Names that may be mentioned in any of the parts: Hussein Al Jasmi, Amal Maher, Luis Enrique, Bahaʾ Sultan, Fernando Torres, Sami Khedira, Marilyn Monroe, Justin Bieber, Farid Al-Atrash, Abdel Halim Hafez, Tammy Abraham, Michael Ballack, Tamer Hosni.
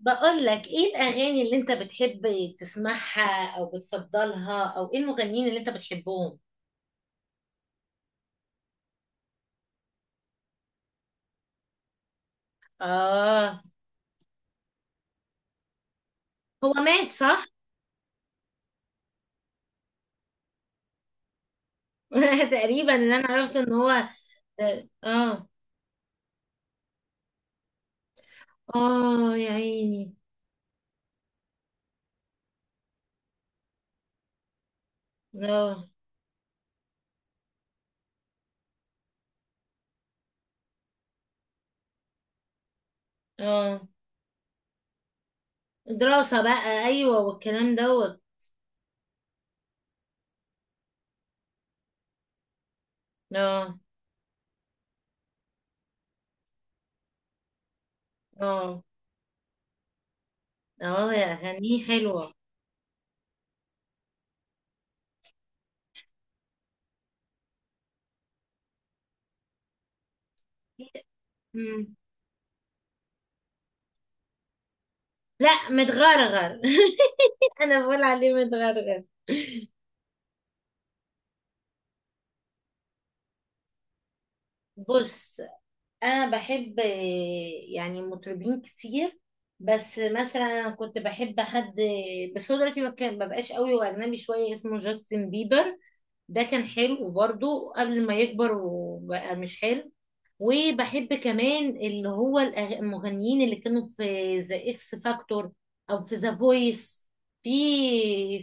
بقول لك ايه الاغاني اللي انت بتحب تسمعها او بتفضلها، او ايه المغنيين اللي انت بتحبهم؟ اه. هو مات صح؟ تقريبا اللي انا عرفت ان هو... اه. اه يا عيني. اه. اه دراسة بقى، ايوه، والكلام دوت. اه. اه. اه يا اغانيه حلوة. مم. لا متغرغر. انا بقول عليه متغرغر. بص. انا بحب، يعني، مطربين كتير. بس مثلا انا كنت بحب حد، بس هو دلوقتي ما بقاش قوي، واجنبي شويه، اسمه جاستن بيبر. ده كان حلو برضو قبل ما يكبر وبقى مش حلو. وبحب كمان اللي هو المغنيين اللي كانوا في ذا اكس فاكتور، او في ذا فويس. في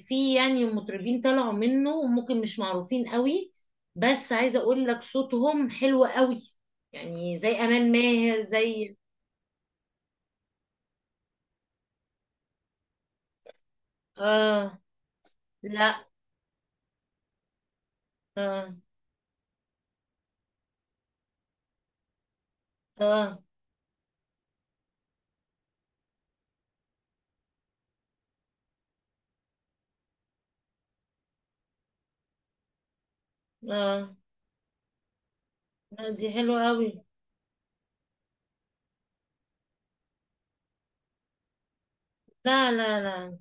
في يعني مطربين طلعوا منه، ممكن مش معروفين قوي، بس عايزه اقول لك صوتهم حلو قوي، يعني زي امال ماهر، زي... اه. لا. اه. اه. اه. دي حلوه قوي. لا لا لا.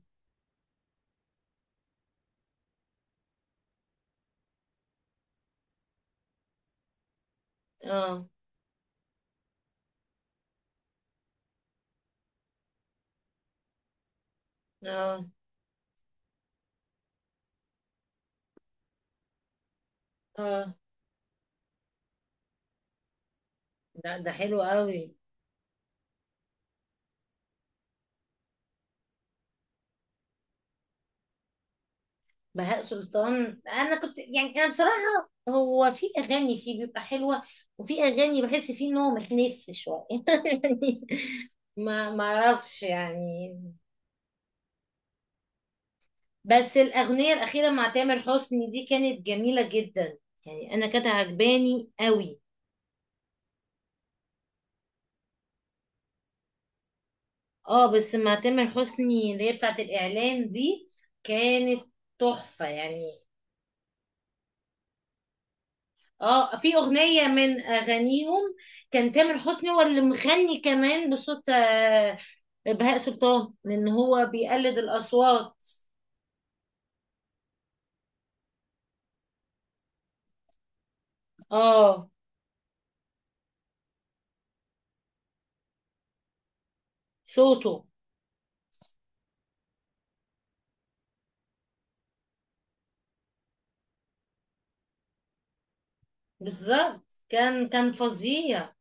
اه. اه. اه. ده حلو قوي. بهاء سلطان، انا كنت يعني، انا بصراحه هو في اغاني فيه بيبقى حلوه، وفي اغاني بحس فيه ان هو متنف شويه يعني، ما اعرفش يعني. بس الاغنيه الاخيره مع تامر حسني دي كانت جميله جدا، يعني انا كانت عجباني قوي. اه، بس مع تامر حسني اللي هي بتاعت الاعلان دي، كانت تحفه يعني. اه، في اغنيه من اغانيهم كان تامر حسني هو اللي مغني كمان بصوت، بهاء سلطان، لان هو بيقلد الاصوات. اه. صوته. بالظبط كان فظيع.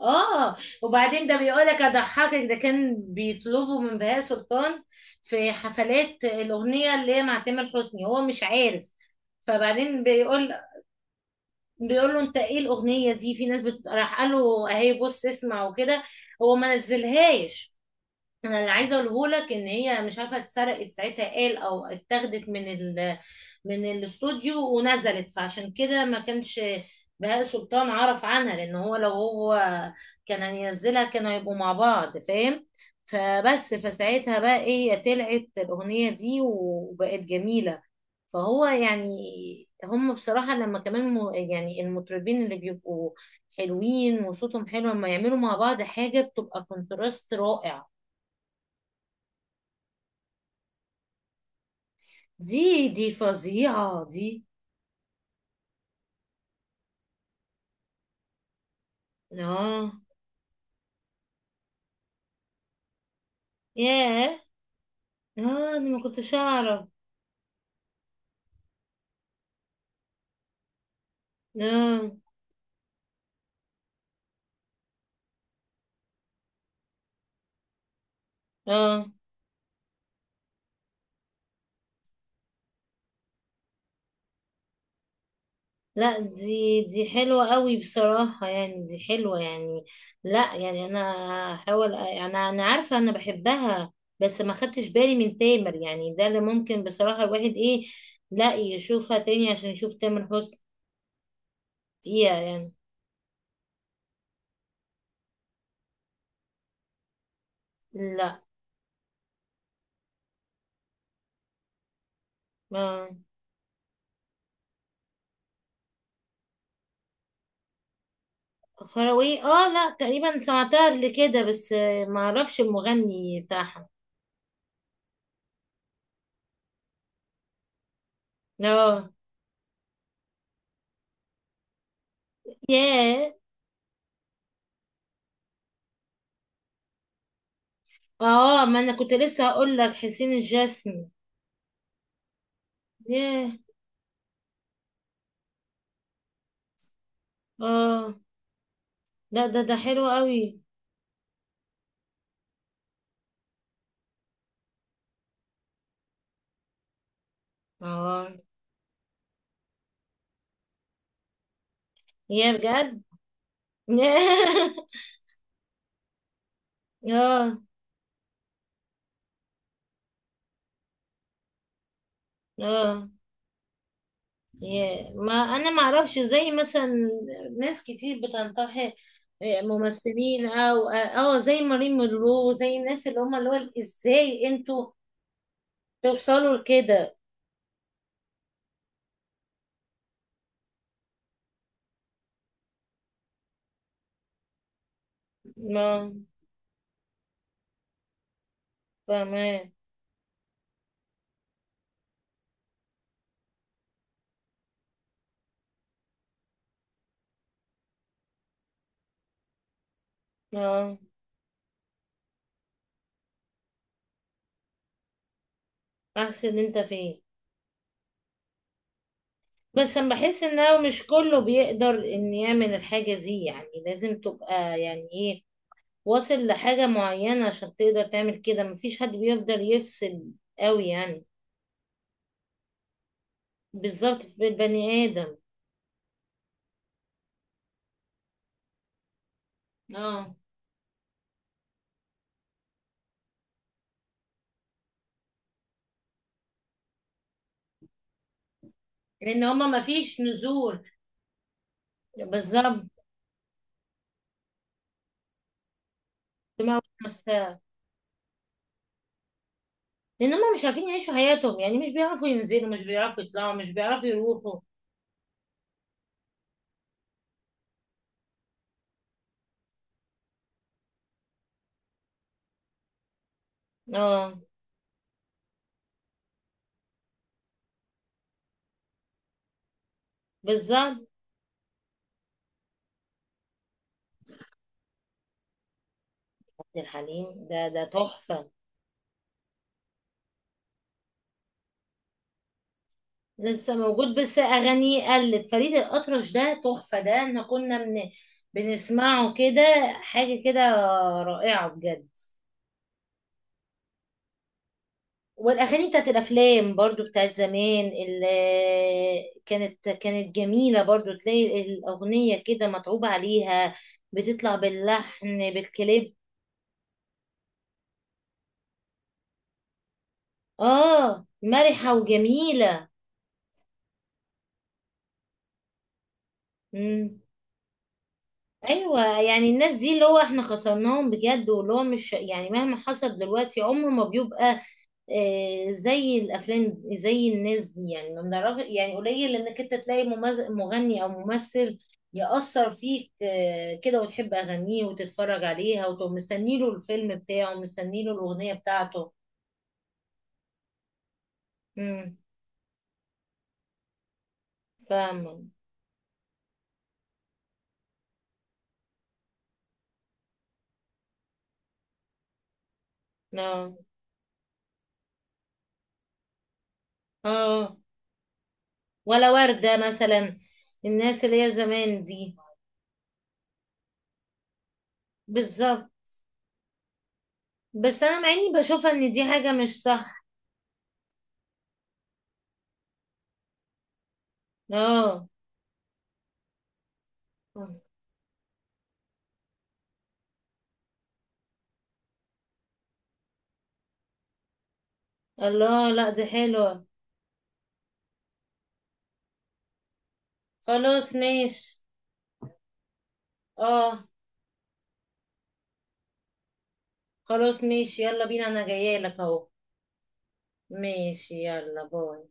اه. وبعدين ده بيقولك، اضحكك، ده كان بيطلبوا من بهاء سلطان في حفلات الاغنيه اللي هي مع تامر حسني، هو مش عارف. فبعدين بيقول له: انت ايه الاغنيه دي؟ في ناس بتت... راح قال له: اهي بص اسمع وكده. هو ما نزلهاش. انا اللي عايزه اقوله لك ان هي، مش عارفه، اتسرقت ساعتها، قال، او اتاخدت من ال... من الاستوديو، ونزلت، فعشان كده ما كانش بهاء سلطان عرف عنها، لان هو لو هو كان هينزلها كانوا هيبقوا مع بعض، فاهم؟ فبس فساعتها بقى ايه، هي طلعت الاغنيه دي وبقت جميله. فهو يعني، هم بصراحه لما كمان يعني المطربين اللي بيبقوا حلوين وصوتهم حلو، لما يعملوا مع بعض حاجه، بتبقى كونتراست رائع. دي فظيعة دي. اه. ياه. اه. انا ما كنتش اعرف. اه. اه. لا دي حلوة قوي بصراحة، يعني دي حلوة يعني. لا يعني انا هحاول، انا عارفة انا بحبها، بس ما خدتش بالي من تامر، يعني ده اللي ممكن بصراحة الواحد ايه، لا يشوفها تاني عشان يشوف تامر حسني فيها يعني. لا. اه. فروي، اه، لا تقريبا سمعتها قبل كده، بس ما اعرفش المغني بتاعها. اه. ياه. اه، ما انا كنت لسه هقول لك حسين الجسمي. ياه. اه. لا ده حلو قوي. اه. ياه، بجد. اه. اه. ياه، ما انا ما اعرفش، زي مثلا ناس كتير بتنتحر، ممثلين، او اه... زي مارين مونرو، زي الناس اللي هم، اللي هو، ازاي انتوا توصلوا لكده؟ ما فاهمه. اه. احسن انت فين. بس انا بحس ان هو مش كله بيقدر ان يعمل الحاجة دي، يعني لازم تبقى يعني ايه، واصل لحاجة معينة عشان تقدر تعمل كده، مفيش حد بيقدر يفصل قوي يعني. بالظبط في البني آدم. اه، لان هما مفيش نزول. بالظبط. دماغ. نفسها. لان هما مش عارفين يعيشوا حياتهم، يعني مش بيعرفوا ينزلوا، مش بيعرفوا يطلعوا، مش بيعرفوا يروحوا. اه. بالظبط. عبد الحليم، ده تحفة. لسه موجود، بس اغانيه قلت. فريد الاطرش ده تحفه، ده احنا كنا من بنسمعه كده، حاجه كده، رائعه بجد. والاغاني بتاعت الافلام برضو، بتاعت زمان، اللي كانت جميله برضو، تلاقي الاغنيه كده متعوب عليها، بتطلع باللحن بالكليب. اه، مرحه وجميله. امم. ايوه يعني الناس دي، اللي هو احنا خسرناهم بجد، واللي هو مش يعني، مهما حصل دلوقتي عمره ما بيبقى، زي الافلام، زي الناس دي، يعني ما بنعرف، يعني قليل انك انت تلاقي مغني او ممثل يأثر فيك كده، وتحب اغانيه وتتفرج عليها، وتبقى مستني له الفيلم بتاعه، مستني له الاغنيه بتاعته. امم. فاهمه. اه. اه. ولا ورده مثلا. الناس اللي هي زمان دي. بالظبط. بس انا مع اني بشوفها ان دي حاجه مش صح. اه. الله، لا دي حلوه. خلاص ماشي. اه. خلاص ماشي، يلا بينا، انا جايه لك اهو. ماشي. يلا، باي.